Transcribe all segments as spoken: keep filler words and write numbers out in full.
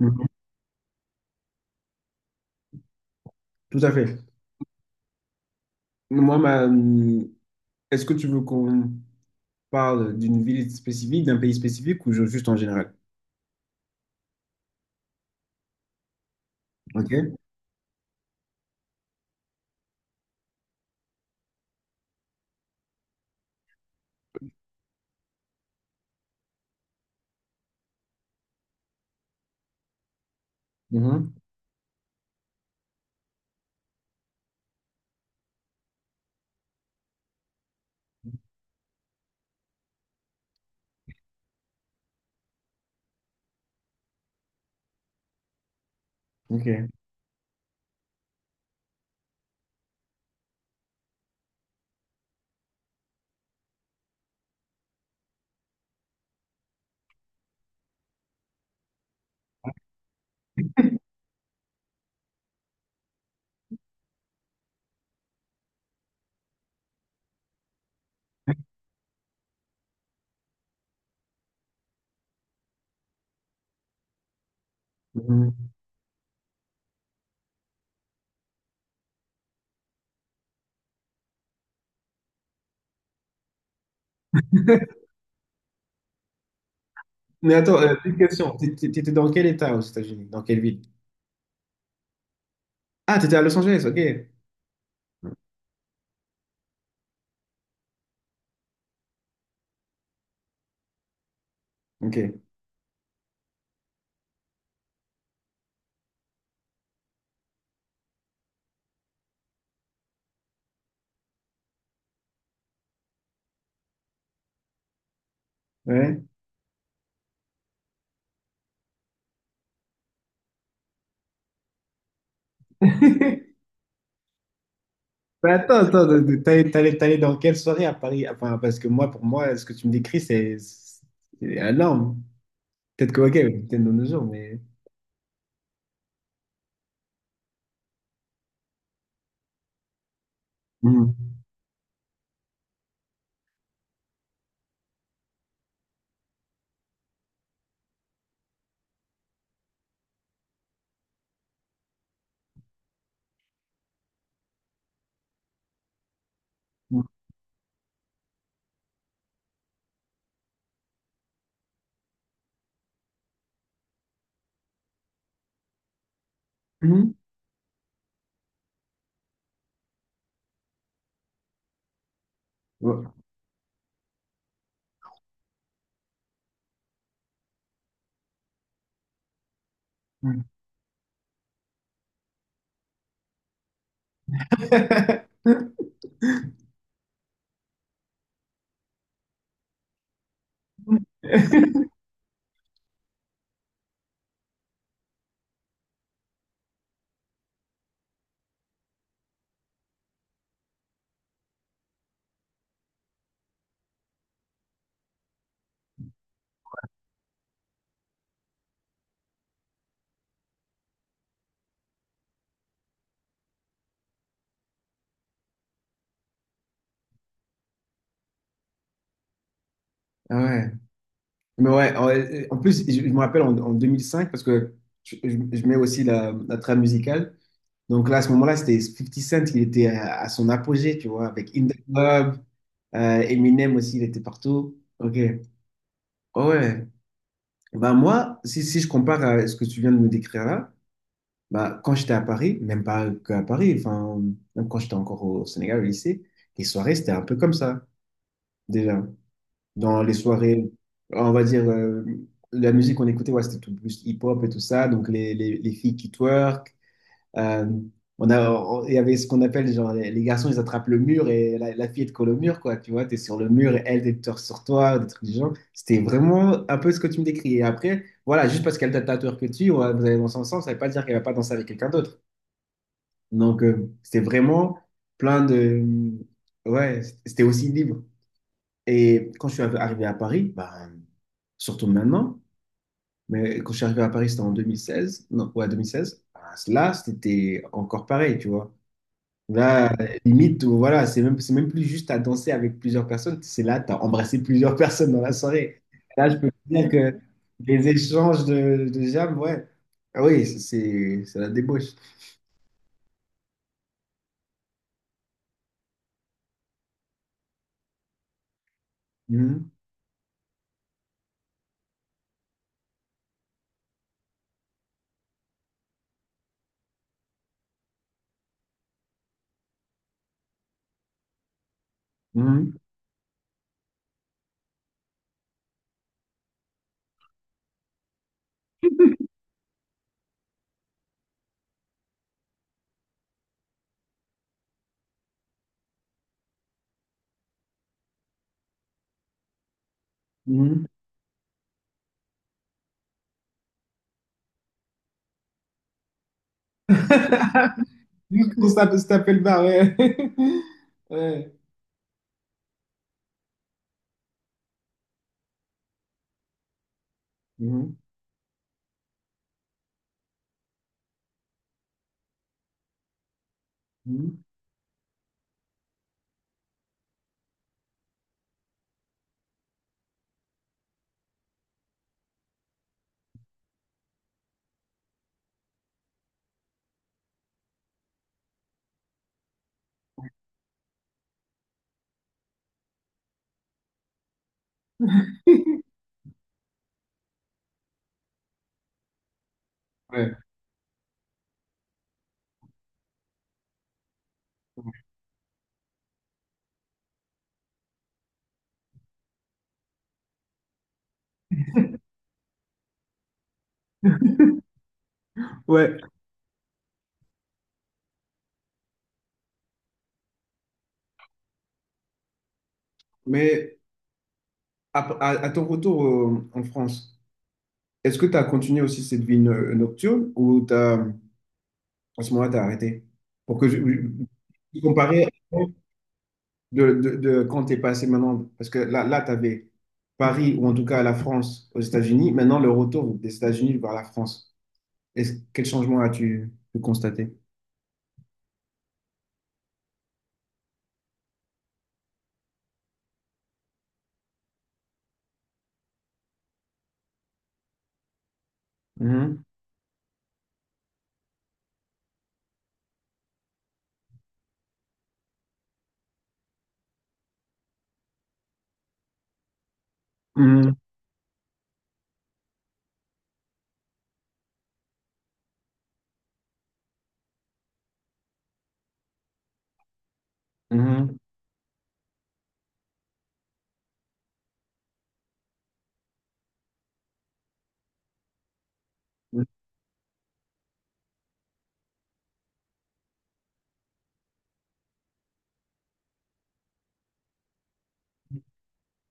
Mhm. Tout à fait. Moi, ma... Est-ce que tu veux qu'on parle d'une ville spécifique, d'un pays spécifique ou ju- juste en général? Ok. Mhm. Ok. Mhm. Mais attends, euh, petite question. T'é- t'é- T'étais dans quel état aux États-Unis? Dans quelle ville? Ah, t'étais à Los Angeles, ok. Ok. Ouais. Mais attends, attends, de- de- t'allais t'allais- t'allais dans quelle soirée à Paris? Enfin, parce que moi, pour moi, ce que tu me décris, c'est c'est énorme. Peut-être que, ok, peut-être dans nos jours, mais. Mhm. Mhm. Ouais. Ah ouais. Mais ouais, en en plus, je je me rappelle en, en deux mille cinq, parce que je, je- je mets aussi la, la trame musicale. Donc là, à ce moment-là, c'était Fifty Cent, il était à, à son apogée, tu vois, avec In The Club, euh, Eminem aussi, il était partout. Ok. Oh ouais. Bah moi, si, si je compare à ce que tu viens de me décrire là, bah quand j'étais à Paris, même pas qu'à Paris, enfin, même quand j'étais encore au Sénégal, au lycée, les soirées, c'était un peu comme ça, déjà. Dans les soirées, on va dire, euh, la musique qu'on écoutait, ouais, c'était tout plus hip-hop et tout ça, donc les, les, les filles qui twerk, euh, on a, on- il y avait ce qu'on appelle, genre, les, les garçons, ils attrapent le mur et la, la fille, elle te colle au mur, quoi, tu vois, t'es sur le mur et elle, elle te sur toi, des trucs du genre. C'était vraiment un peu ce que tu me décris. Et après, voilà, juste parce qu'elle t'a twerk que tu, ouais, vous allez danser ensemble, ça veut pas dire qu'elle va pas danser avec quelqu'un d'autre. Donc, euh, c'était vraiment plein de... Ouais, c'était aussi libre. Et quand je suis arrivé à Paris, ben, surtout maintenant, mais quand je suis arrivé à Paris, c'était en deux mille seize. Non, ouais, deux mille seize. Ah, là, c'était encore pareil, tu vois. Là, limite, voilà, c'est même, c'est même plus juste à danser avec plusieurs personnes. C'est là, tu as embrassé plusieurs personnes dans la soirée. Là, je peux te dire que les échanges de, de jam, ouais. Ah oui, c'est c'est la débauche. Mhm, mhm, mhm. Juste pour ça, se taper le bar, ouais. Ouais. Mhm, mhm. Ouais. Ouais, mais à, à- à ton retour euh, en France, est-ce que tu as continué aussi cette vie no- nocturne ou t'as, à ce moment-là, tu as arrêté? Pour que je, je- comparer de, de, de quand tu es passé maintenant, parce que là, là tu avais Paris ou en tout cas la France aux États-Unis, maintenant le retour des États-Unis vers la France. Est-ce, quel changement as-tu pu constater? Mhm, mhm, mhm.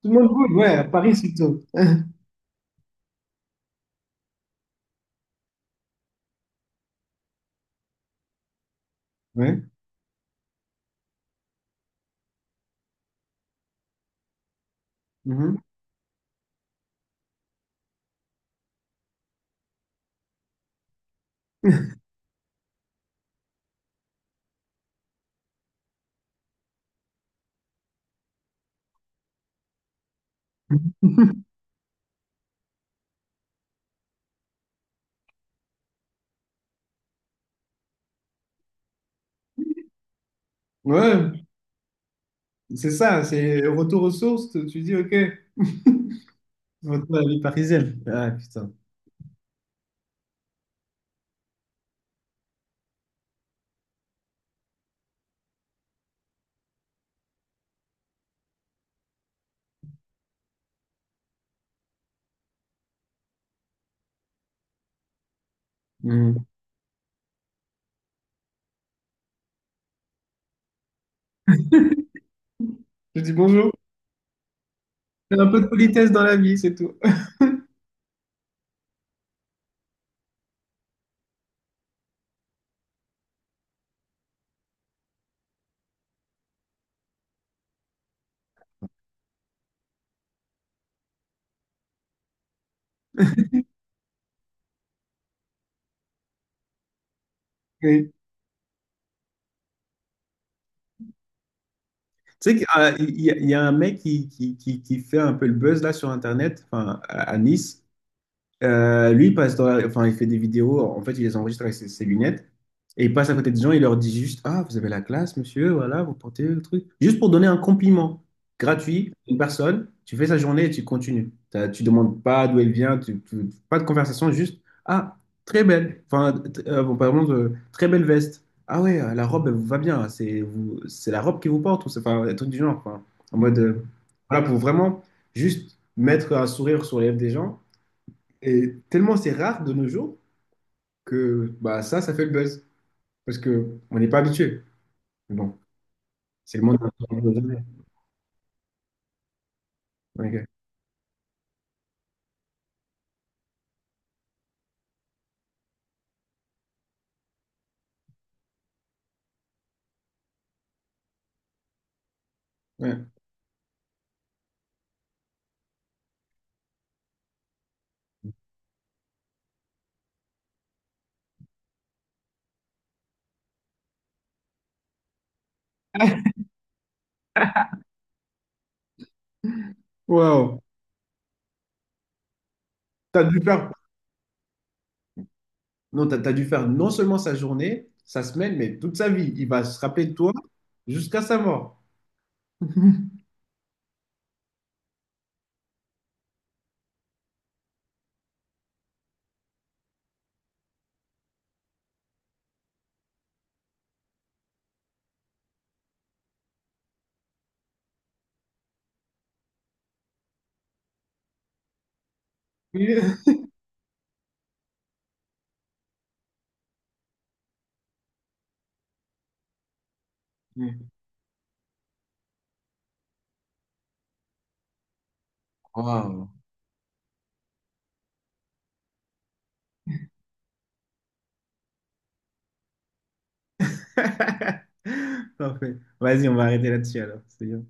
Tout le monde bouge, ouais, à Paris surtout. Ouais. Mhm. Ouais, c'est ça, c'est retour aux sources, tu tu dis ok, retour à la vie parisienne. Ah putain. Mhm. Je dis bonjour. Fais un peu de politesse dans la vie, c'est tout. Oui. Tu sais qu'il y a, il y a un mec qui, qui, qui, qui fait un peu le buzz là sur Internet, enfin à à Nice. Euh, lui, il passe dans la- enfin, il fait des vidéos, en fait, il les enregistre avec ses, ses lunettes, et il passe à côté des gens, il leur dit juste, ah, vous avez la classe, monsieur, voilà, vous portez le truc. Juste pour donner un compliment gratuit à une personne, tu fais sa journée et tu continues. T'as- Tu demandes pas d'où elle vient, tu, tu- pas de conversation, juste, ah, très belle, enfin, t- euh, bon, par exemple, euh, très belle veste. Ah ouais, euh, la robe, elle vous va bien, c'est vous, c'est la robe qui vous porte, ou c'est, enfin, un truc du genre, enfin, en mode, euh, voilà, pour vraiment juste mettre un sourire sur les lèvres des gens. Et tellement c'est rare de nos jours que bah, ça, ça fait le buzz. Parce qu'on n'est pas habitué. Mais bon, c'est le monde dans lequel on est. Ok. Ouais. Wow. T'as dû faire... Non, t'as, t'as dû faire non seulement sa journée, sa semaine, mais toute sa vie. Il va se rappeler de toi jusqu'à sa mort. Wow. Parfait. Vas-y, on va arrêter là-dessus alors. C'est bien.